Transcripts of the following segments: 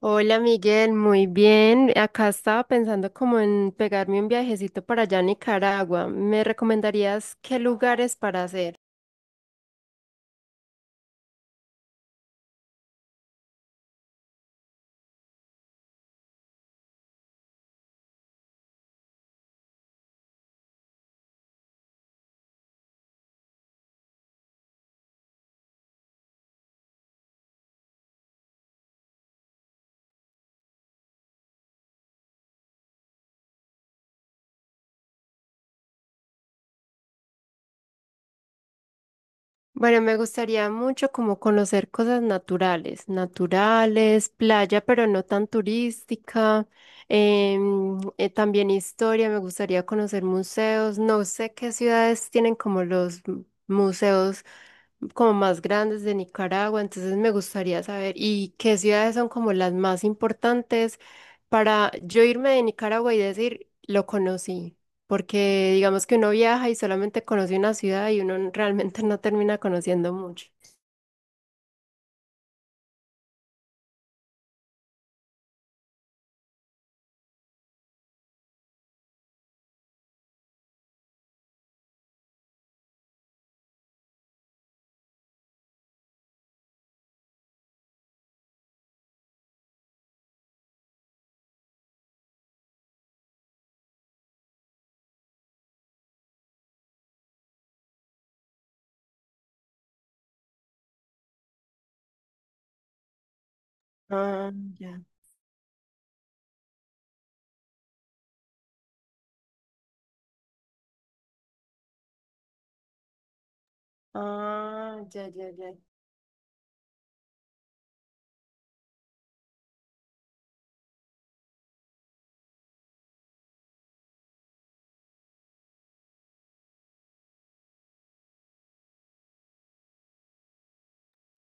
Hola Miguel, muy bien. Acá estaba pensando como en pegarme un viajecito para allá a Nicaragua. ¿Me recomendarías qué lugares para hacer? Bueno, me gustaría mucho como conocer cosas naturales, naturales, playa, pero no tan turística. También historia, me gustaría conocer museos. No sé qué ciudades tienen como los museos como más grandes de Nicaragua, entonces me gustaría saber, ¿y qué ciudades son como las más importantes para yo irme de Nicaragua y decir, lo conocí? Porque digamos que uno viaja y solamente conoce una ciudad y uno realmente no termina conociendo mucho. Ah, ya. Ah, ya, ya, ya.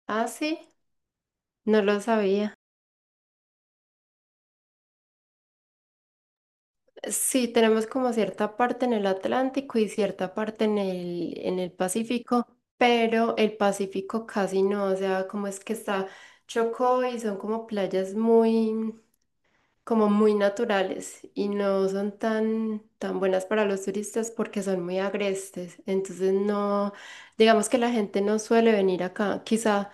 Ah, sí, no lo sabía. Sí, tenemos como cierta parte en el Atlántico y cierta parte en el Pacífico, pero el Pacífico casi no, o sea, como es que está Chocó y son como playas muy, como muy naturales y no son tan, tan buenas para los turistas porque son muy agrestes, entonces no, digamos que la gente no suele venir acá, quizá.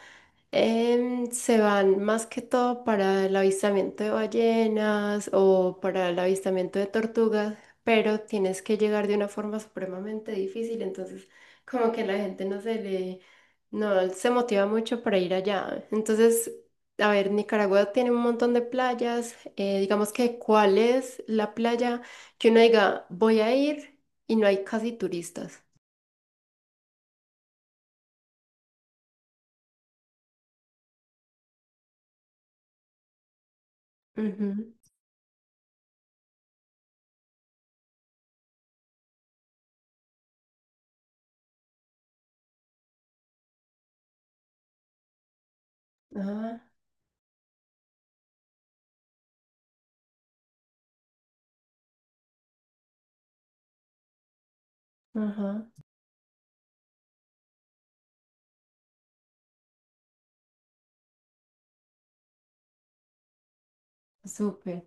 Em, se van más que todo para el avistamiento de ballenas o para el avistamiento de tortugas, pero tienes que llegar de una forma supremamente difícil, entonces como que la gente no se le, no se motiva mucho para ir allá. Entonces, a ver, Nicaragua tiene un montón de playas, digamos que, ¿cuál es la playa que uno diga voy a ir y no hay casi turistas? Ujú. Ajá, ajá, súper.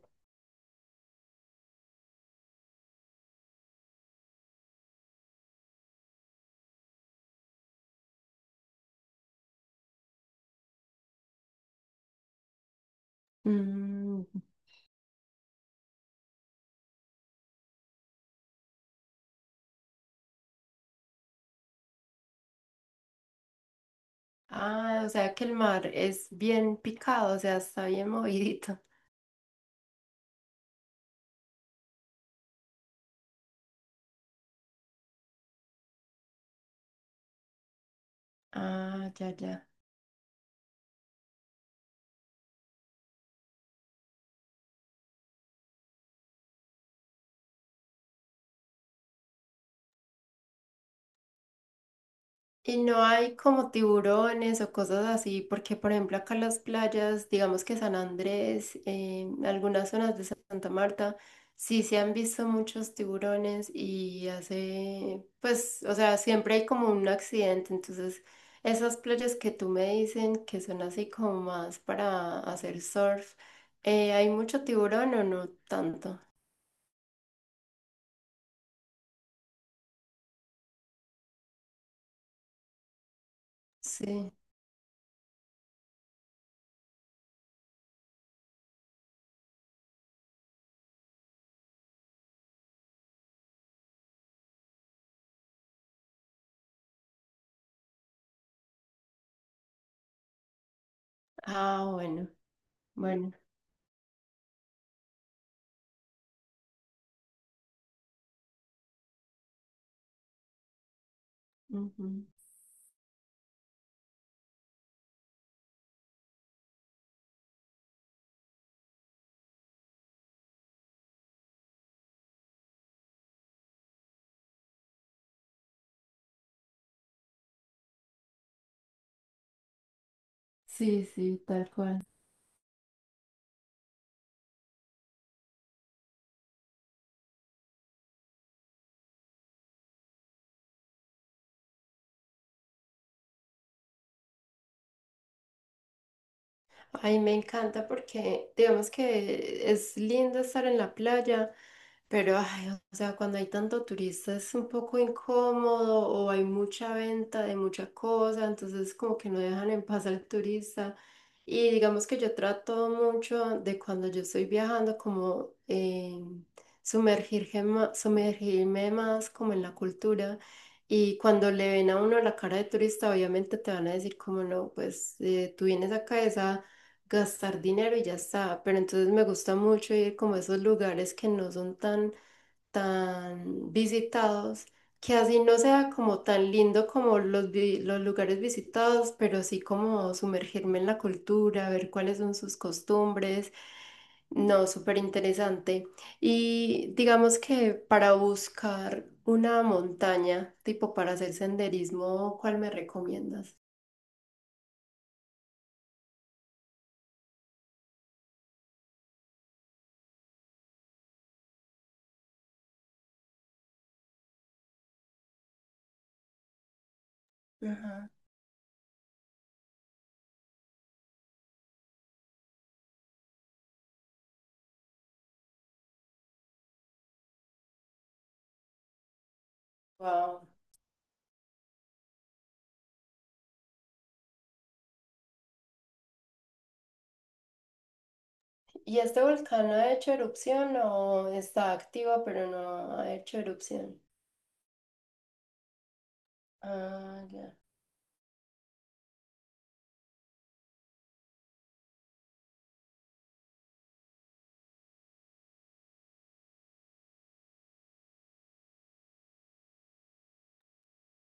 Mm. Ah, o sea que el mar es bien picado, o sea, está bien movidito. Ah, ya, ya. Y no hay como tiburones o cosas así, porque por ejemplo acá en las playas, digamos que San Andrés, algunas zonas de Santa Marta, sí se han visto muchos tiburones y hace, pues, o sea, siempre hay como un accidente. Entonces, esas playas que tú me dicen que son así como más para hacer surf, ¿hay mucho tiburón o no tanto? Sí. Ah, bueno, bueno. Ujú. Sí, sí, tal cual. Ay, me encanta porque digamos que es lindo estar en la playa. Pero, ay, o sea, cuando hay tanto turista es un poco incómodo o hay mucha venta de mucha cosa, entonces como que no dejan en paz al turista. Y digamos que yo trato mucho de cuando yo estoy viajando como sumergirme, sumergirme más como en la cultura. Y cuando le ven a uno la cara de turista, obviamente te van a decir como no, pues tú vienes acá es a gastar dinero y ya está. Pero entonces me gusta mucho ir como a esos lugares que no son tan tan visitados, que así no sea como tan lindo como los, los lugares visitados, pero sí como sumergirme en la cultura, ver cuáles son sus costumbres. No, súper interesante. Y digamos que para buscar una montaña, tipo para hacer senderismo, ¿cuál me recomiendas? Ajá. Wow. ¿Y este volcán ha hecho erupción o está activo pero no ha hecho erupción? Ah,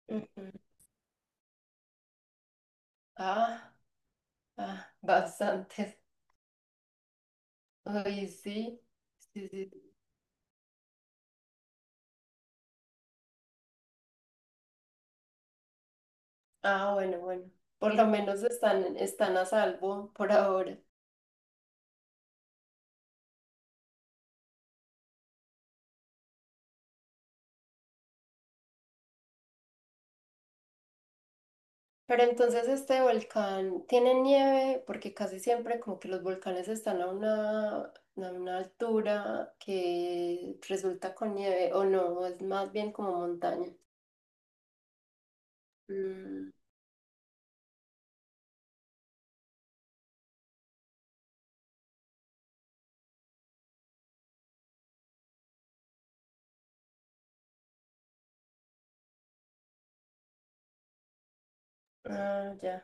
ya. Ah, ah, bastantes. Oye, sí, sí, sí. Ah, bueno, bueno. Por lo menos están, están a salvo por ahora. Pero entonces este volcán tiene nieve, porque casi siempre como que los volcanes están a una altura que resulta con nieve, o no, o es más bien como montaña. Mm, ah, ya,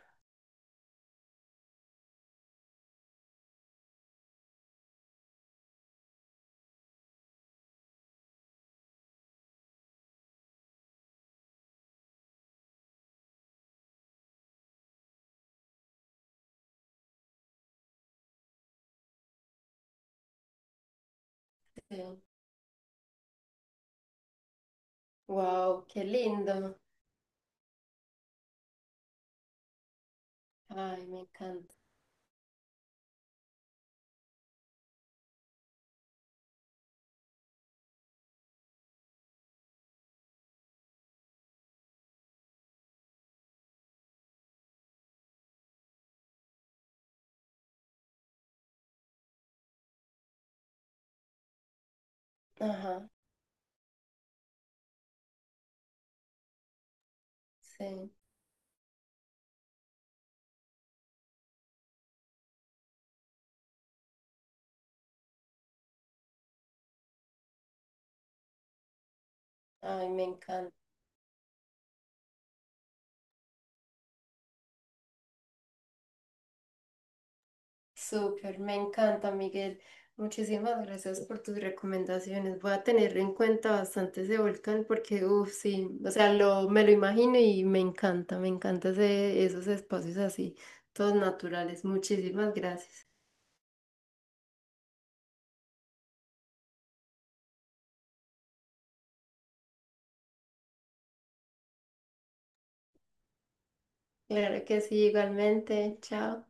sí. Wow, qué lindo. Ay, me encanta. Ajá, sí. Ay, me encanta. Súper, me encanta, Miguel. Muchísimas gracias por tus recomendaciones. Voy a tener en cuenta bastante ese volcán porque, uff, sí, o sea, lo, me lo imagino y me encanta esos espacios así, todos naturales. Muchísimas gracias. Claro que sí, igualmente. Chao.